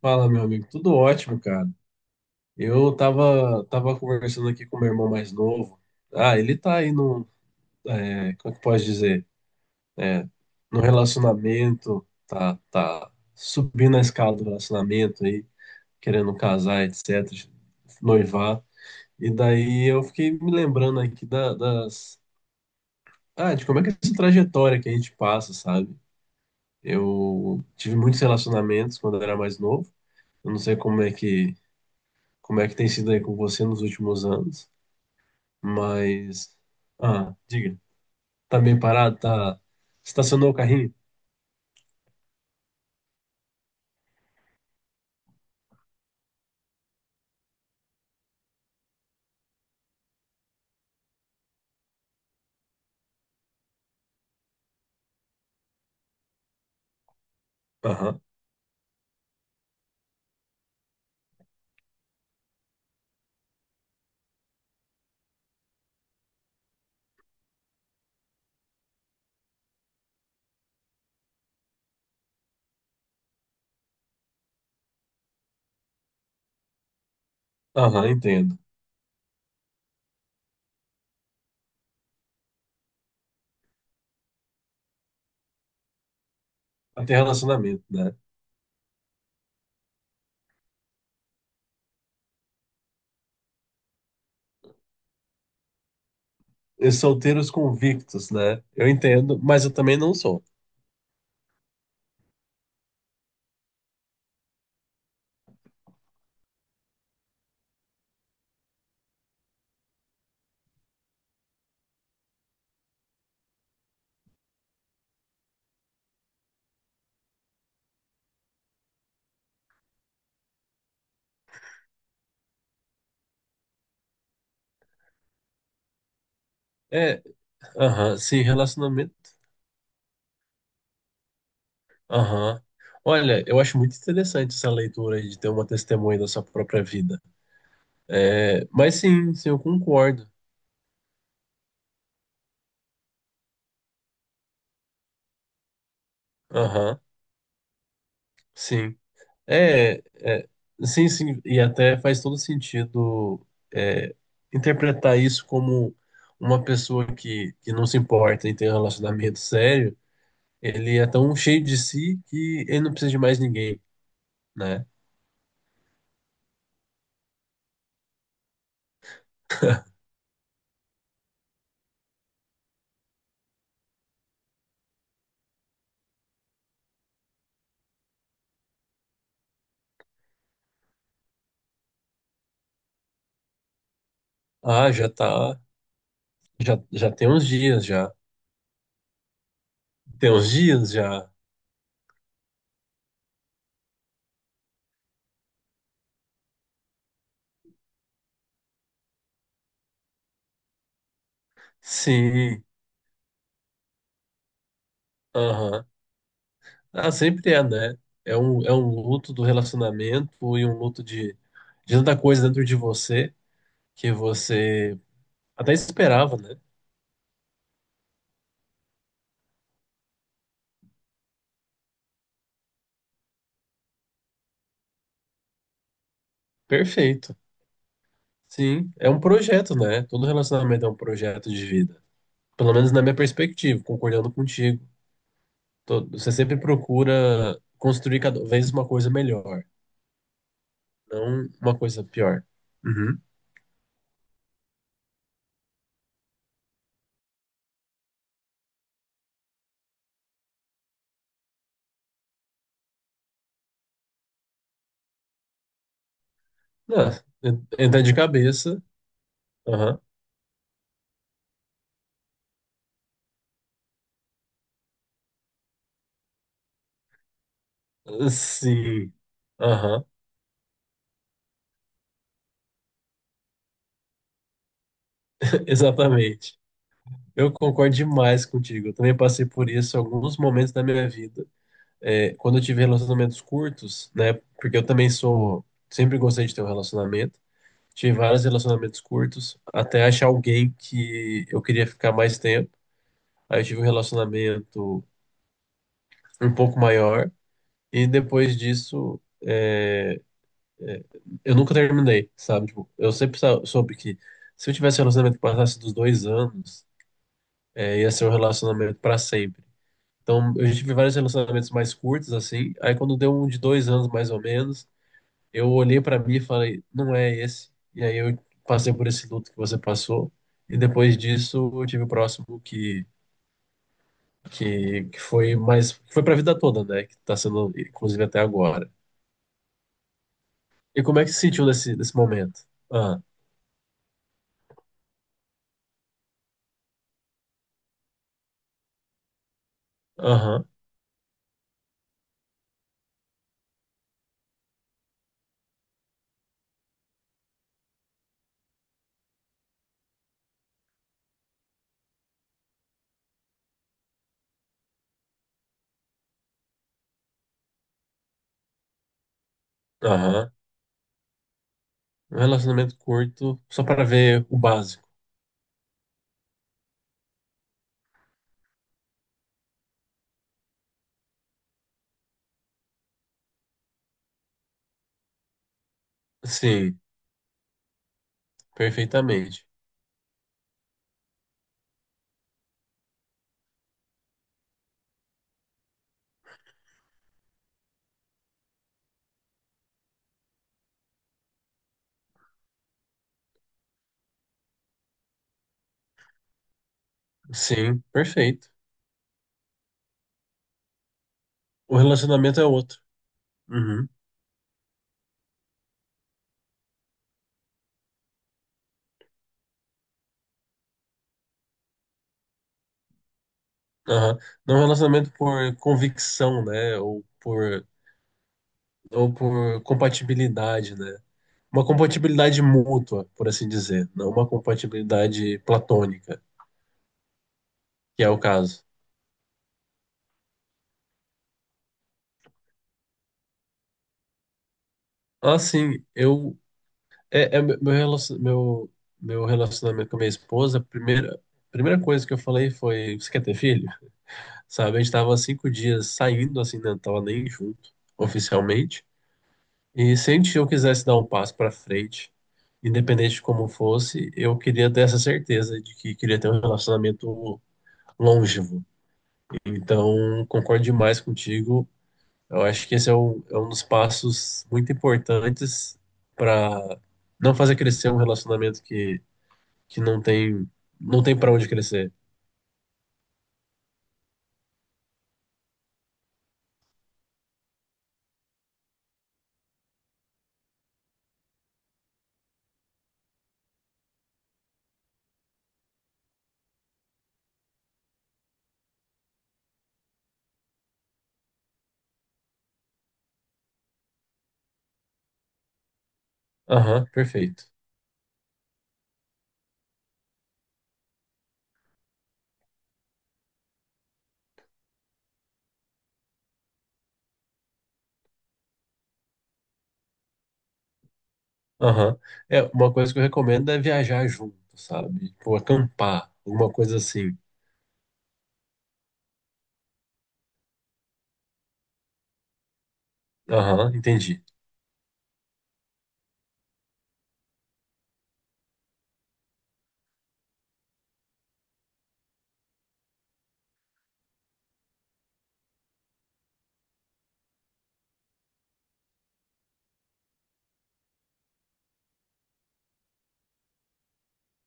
Fala, meu amigo. Tudo ótimo, cara. Eu tava conversando aqui com meu irmão mais novo. Ah, ele tá aí num, é, como é que pode dizer? É, no relacionamento, tá subindo a escala do relacionamento aí, querendo casar, etc, noivar. E daí eu fiquei me lembrando aqui de como é que é essa trajetória que a gente passa, sabe? Eu tive muitos relacionamentos quando eu era mais novo. Eu não sei como é que tem sido aí com você nos últimos anos, mas. Ah, diga. Tá meio parado? Tá. Estacionou o carrinho? Aham, aham, entendo. Até relacionamento, né? E solteiros convictos, né? Eu entendo, mas eu também não sou. É, aham, sim, relacionamento. Aham. Olha, eu acho muito interessante essa leitura aí de ter uma testemunha da sua própria vida. É, mas sim, sim, eu concordo. Aham, sim. É, é, sim, sim, e até faz todo sentido é, interpretar isso como uma pessoa que não se importa em ter um relacionamento sério, ele é tão cheio de si que ele não precisa de mais ninguém, né? Ah, já tá, já, já tem uns dias, já. Tem uns dias, já. Sim, aham. Ah, sempre é, né? É um luto do relacionamento e um luto de tanta coisa dentro de você que você até esperava, né? Perfeito. Sim, é um projeto, né? Todo relacionamento é um projeto de vida. Pelo menos na minha perspectiva, concordando contigo. Você sempre procura construir cada vez uma coisa melhor, não uma coisa pior. Uhum. Entra de cabeça. Aham. Sim. Aham. Exatamente. Eu concordo demais contigo. Eu também passei por isso em alguns momentos da minha vida. É, quando eu tive relacionamentos curtos, né? Porque eu também sou. Sempre gostei de ter um relacionamento. Tive vários relacionamentos curtos, até achar alguém que eu queria ficar mais tempo. Aí eu tive um relacionamento um pouco maior, e depois disso, é, eu nunca terminei, sabe? Tipo, soube que se eu tivesse um relacionamento que passasse dos dois anos, é, ia ser um relacionamento para sempre. Então, eu já tive vários relacionamentos mais curtos, assim. Aí, quando deu um de dois anos, mais ou menos, eu olhei pra mim e falei, não é esse. E aí eu passei por esse luto que você passou. E depois disso eu tive o próximo que foi pra vida toda, né? Que tá sendo inclusive até agora. E como é que se sentiu nesse momento? Ah, aham, aham. Um relacionamento curto só para ver o básico. Sim, perfeitamente. Sim, perfeito. O relacionamento é outro. Uhum, aham. Não é um relacionamento por convicção, né? Ou por compatibilidade, né? Uma compatibilidade mútua, por assim dizer, não uma compatibilidade platônica, que é o caso. Assim, eu é meu relacionamento com a minha esposa, a primeira coisa que eu falei foi, você quer ter filho? Sabe, a gente tava cinco dias saindo assim, né? Não tava nem junto oficialmente. E se a gente- eu quisesse dar um passo para frente, independente de como fosse, eu queria ter essa certeza de que queria ter um relacionamento longevo. Então, concordo demais contigo. Eu acho que um é um dos passos muito importantes para não fazer crescer um relacionamento que não tem, não tem para onde crescer. Aham, perfeito. Aham. É, uma coisa que eu recomendo é viajar junto, sabe? Ou acampar, alguma coisa assim. Aham, entendi.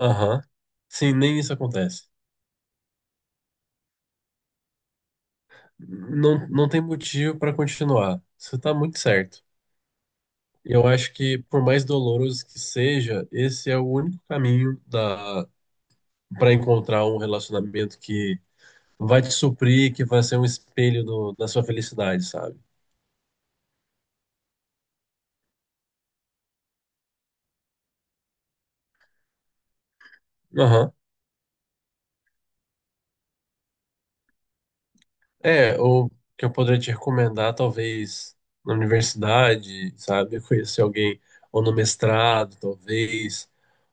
Aham. Sim, nem isso acontece. Não, não tem motivo para continuar. Você tá muito certo. Eu acho que, por mais doloroso que seja, esse é o único caminho da para encontrar um relacionamento que vai te suprir, que vai ser um espelho da sua felicidade, sabe? Aham. É, ou que eu poderia te recomendar, talvez, na universidade, sabe? Conhecer alguém, ou no mestrado, talvez,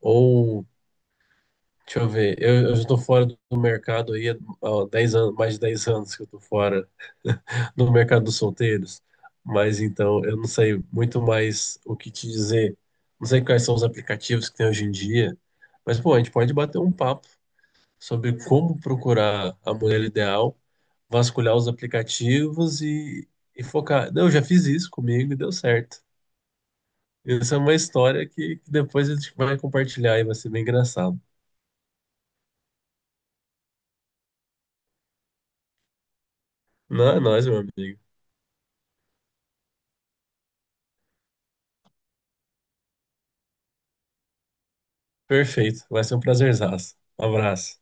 ou, deixa eu ver, eu já tô fora do mercado aí há ó, 10 anos, mais de 10 anos que eu tô fora no mercado dos solteiros, mas então eu não sei muito mais o que te dizer. Não sei quais são os aplicativos que tem hoje em dia, mas pô, a gente pode bater um papo sobre como procurar a mulher ideal, vasculhar os aplicativos e focar. Não, eu já fiz isso comigo e deu certo. Essa é uma história que depois a gente vai compartilhar e vai ser bem engraçado. Não é nóis, meu amigo. Perfeito. Vai ser um prazerzaço. Um abraço.